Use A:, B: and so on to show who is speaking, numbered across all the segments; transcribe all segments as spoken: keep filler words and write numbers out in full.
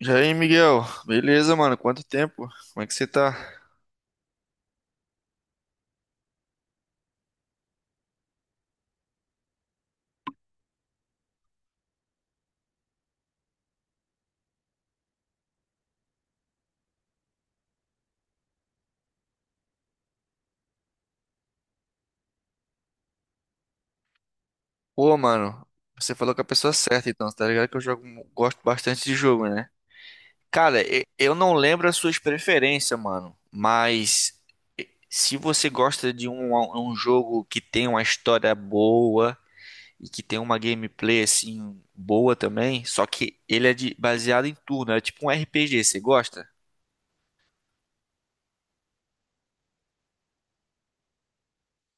A: E aí, Miguel? Beleza, mano? Quanto tempo? Como é que você tá? Pô, mano, você falou com a pessoa certa, então, tá ligado que eu jogo, gosto bastante de jogo, né? Cara, e- eu não lembro as suas preferências, mano, mas e- se você gosta de um, um jogo que tem uma história boa e que tem uma gameplay, assim, boa também, só que ele é de, baseado em turno, é tipo um R P G, você gosta?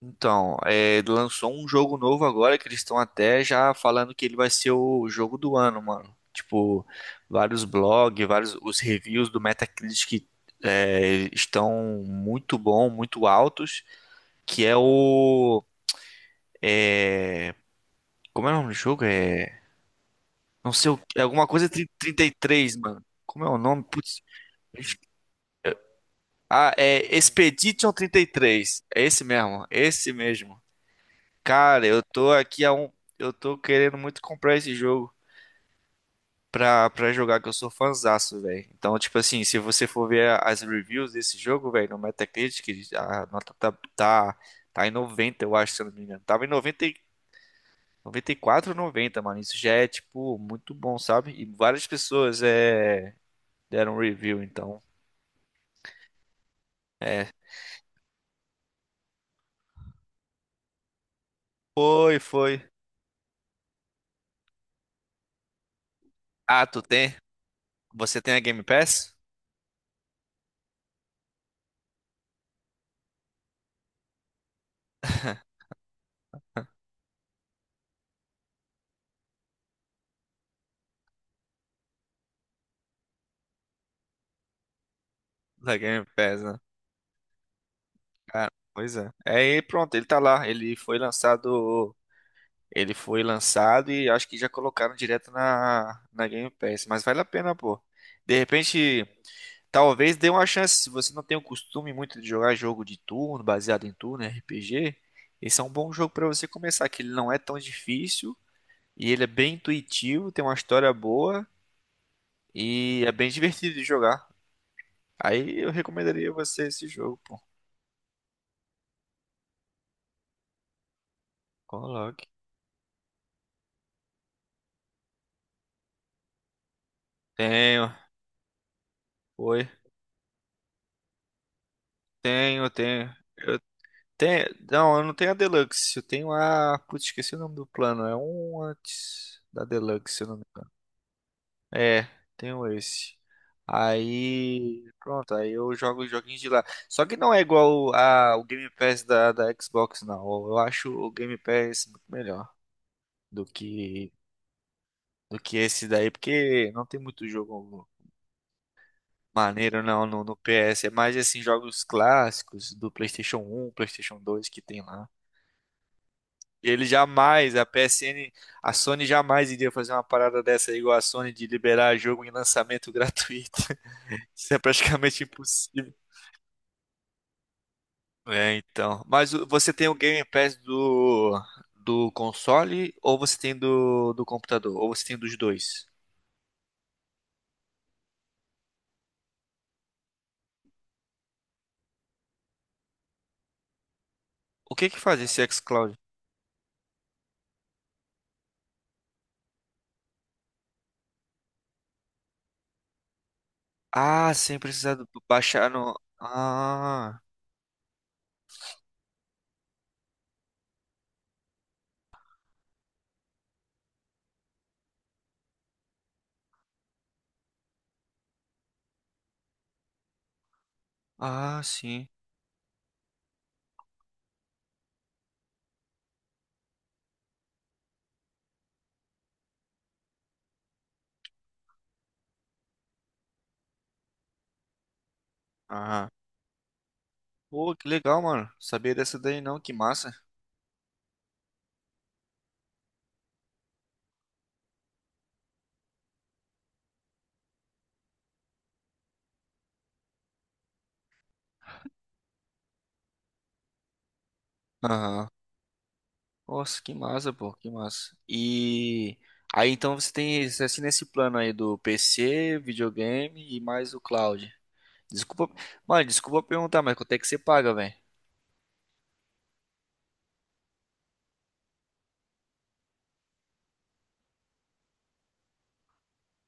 A: Então, é, lançou um jogo novo agora que eles estão até já falando que ele vai ser o jogo do ano, mano. Tipo, vários blogs, vários os reviews do Metacritic é, estão muito bom, muito altos, que é o é, como é o nome do jogo? É, não sei, o- é alguma coisa tri- trinta e três, mano. Como é o nome? Putz. Ah, é Expedition trinta e três. É esse mesmo, é esse mesmo. Cara, eu tô aqui a um. Eu tô querendo muito comprar esse jogo pra, pra jogar, que eu sou fãzaço, velho. Então, tipo assim, se você for ver a- as reviews desse jogo, velho, no Metacritic, a nota tá, tá, tá em noventa, eu acho, se eu não me engano. Tava em noventa, e- noventa e quatro, noventa, mano. Isso já é, tipo, muito bom, sabe? E várias pessoas é, deram review, então. É. Foi, foi. Ah, tu tem? Você tem a Game Pass? Da Game Pass, né? Cara, pois é. É, e pronto, ele tá lá. Ele foi lançado. Ele foi lançado e acho que já colocaram direto na, na Game Pass. Mas vale a pena, pô. De repente, talvez dê uma chance. Se você não tem o costume muito de jogar jogo de turno, baseado em turno, R P G, esse é um bom jogo pra você começar, que ele não é tão difícil e ele é bem intuitivo, tem uma história boa e é bem divertido de jogar. Aí eu recomendaria você esse jogo, pô. Coloque. Tenho. Oi. Tenho, tenho. Eu tenho. Não, eu não tenho a Deluxe. Eu tenho a. Putz, esqueci o nome do plano. É um antes da Deluxe, se eu não me engano. É, tenho esse. Aí. Pronto, aí eu jogo os joguinhos de lá. Só que não é igual a, o Game Pass da, da Xbox, não. Eu acho o Game Pass muito melhor do que, do que esse daí, porque não tem muito jogo. Maneiro não, no, no P S, é mais assim, jogos clássicos do PlayStation um PlayStation dois que tem lá. Ele jamais, a P S N, a Sony jamais iria fazer uma parada dessa igual a Sony de liberar jogo em lançamento gratuito. Isso é praticamente impossível. É, então. Mas o- você tem o Game Pass do, do console ou você tem do, do computador? Ou você tem dos dois? O que que faz esse xCloud? Ah, sem precisar do- baixar no. Ah, ah, sim. Ah. Pô, que legal, mano. Sabia dessa daí não, que massa. Aham. Nossa, que massa, pô, que massa. E aí então você tem você assina esse- assim nesse plano aí do P C, videogame e mais o cloud. Desculpa, mano, desculpa perguntar, mas quanto é que você paga, velho?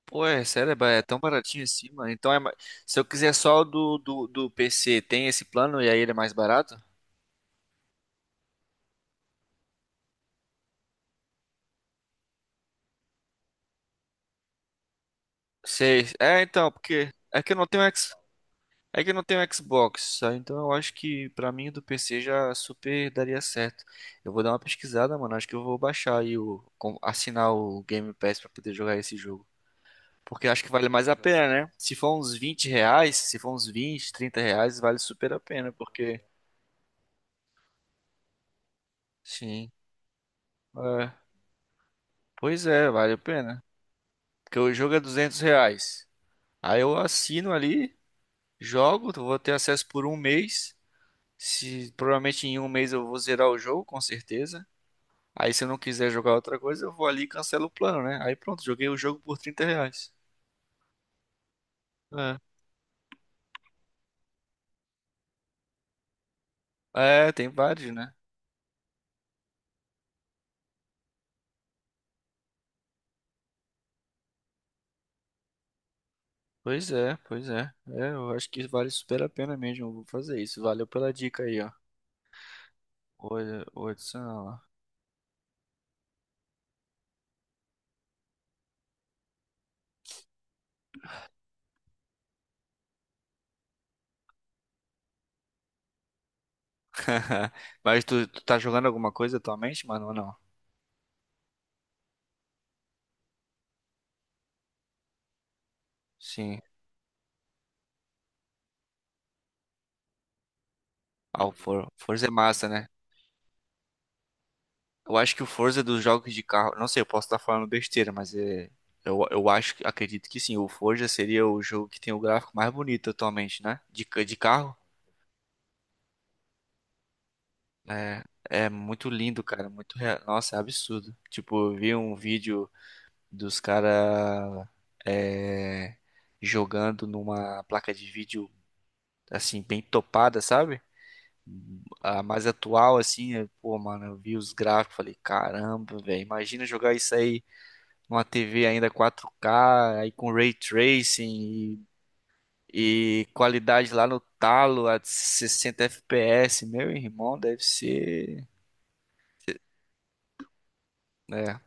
A: Pô, é sério, é ba- é tão baratinho assim, mano. Então é, ma- se eu quiser só o do, do, do P C, tem esse plano e aí ele é mais barato? Sei. É, então, porque é que eu não tenho. É que eu não tenho Xbox, tá? Então eu acho que pra mim do P C já super daria certo. Eu vou dar uma pesquisada, mano. Acho que eu vou baixar aí o, com- assinar o Game Pass pra poder jogar esse jogo. Porque acho que vale mais a pena, né? Se for uns vinte reais, se for uns vinte, trinta reais, vale super a pena, porque... Sim. É, pois é, vale a pena. Porque o jogo é duzentos reais. Aí eu assino ali, jogo, vou ter acesso por um mês. Se, Provavelmente em um mês eu vou zerar o jogo, com certeza. Aí se eu não quiser jogar outra coisa, eu vou ali e cancelo o plano, né? Aí pronto, joguei o jogo por trinta reais. É, é, tem vários, né? Pois é, pois é. É, eu acho que vale super a pena mesmo. Eu Vou fazer isso. Valeu pela dica aí, ó. Olha, olha, isso não. Mas tu, tu tá jogando alguma coisa atualmente, mano, ou não? Sim. Ah, o For- Forza é massa, né? Eu acho que o Forza é dos jogos de carro. Não sei, eu posso estar falando besteira, mas é. Eu, eu acho, acredito que sim. O Forza seria o jogo que tem o gráfico mais bonito atualmente, né? De, ca- de carro. É, é muito lindo, cara. Muito rea- Nossa, é absurdo. Tipo, eu vi um vídeo dos caras jogando numa placa de vídeo assim, bem topada, sabe? A mais atual, assim, eu- pô, mano, eu vi os gráficos, falei, caramba, velho, imagina jogar isso aí numa T V ainda quatro K, aí com ray tracing e, e qualidade lá no talo a sessenta F P S, meu irmão, deve ser. Né?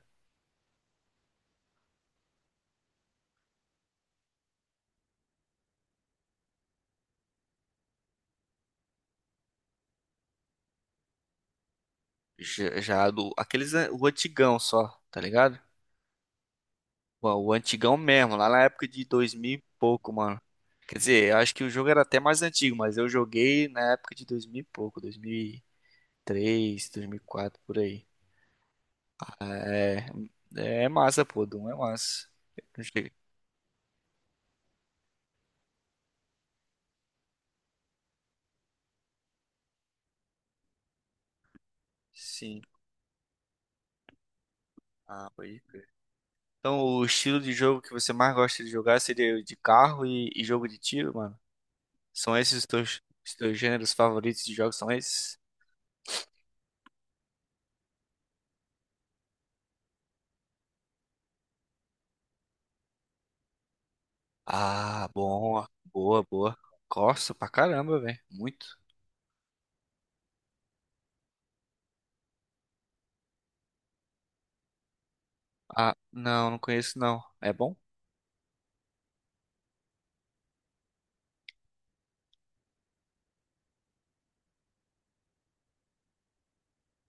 A: Já, já do, aqueles, an- o antigão só, tá ligado? Pô, O antigão mesmo, lá na época de dois mil e pouco, mano. Quer dizer, eu acho que o jogo era até mais antigo, mas eu joguei na época de dois mil e pouco, dois mil e três, quatro por aí. É, é é massa, pô, Doom é massa. Não chega- Sim. Ah, pode crer. Então, o estilo de jogo que você mais gosta de jogar seria o de carro e, e jogo de tiro, mano? São esses os teus, os teus gêneros favoritos de jogos? São esses? Ah, bom, boa, boa. Gosto pra caramba, velho. Muito. Ah, não, não conheço não. É bom?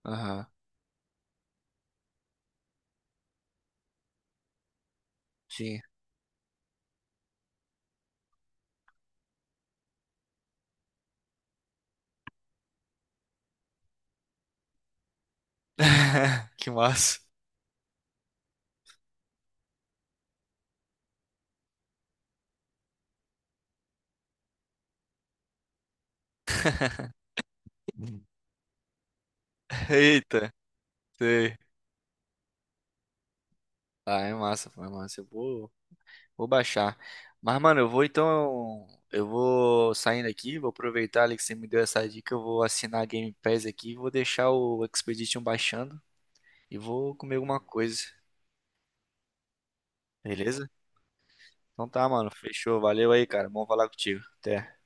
A: Aham, sim. Que massa. Eita, sei. Ah, é massa, foi massa. Eu vou, vou baixar. Mas, mano, eu vou então. Eu vou saindo aqui, vou aproveitar ali que você me deu essa dica. Eu vou assinar a Game Pass aqui, vou deixar o Expedition baixando e vou comer alguma coisa, beleza? Então tá, mano, fechou. Valeu aí, cara. Bom falar contigo. Até.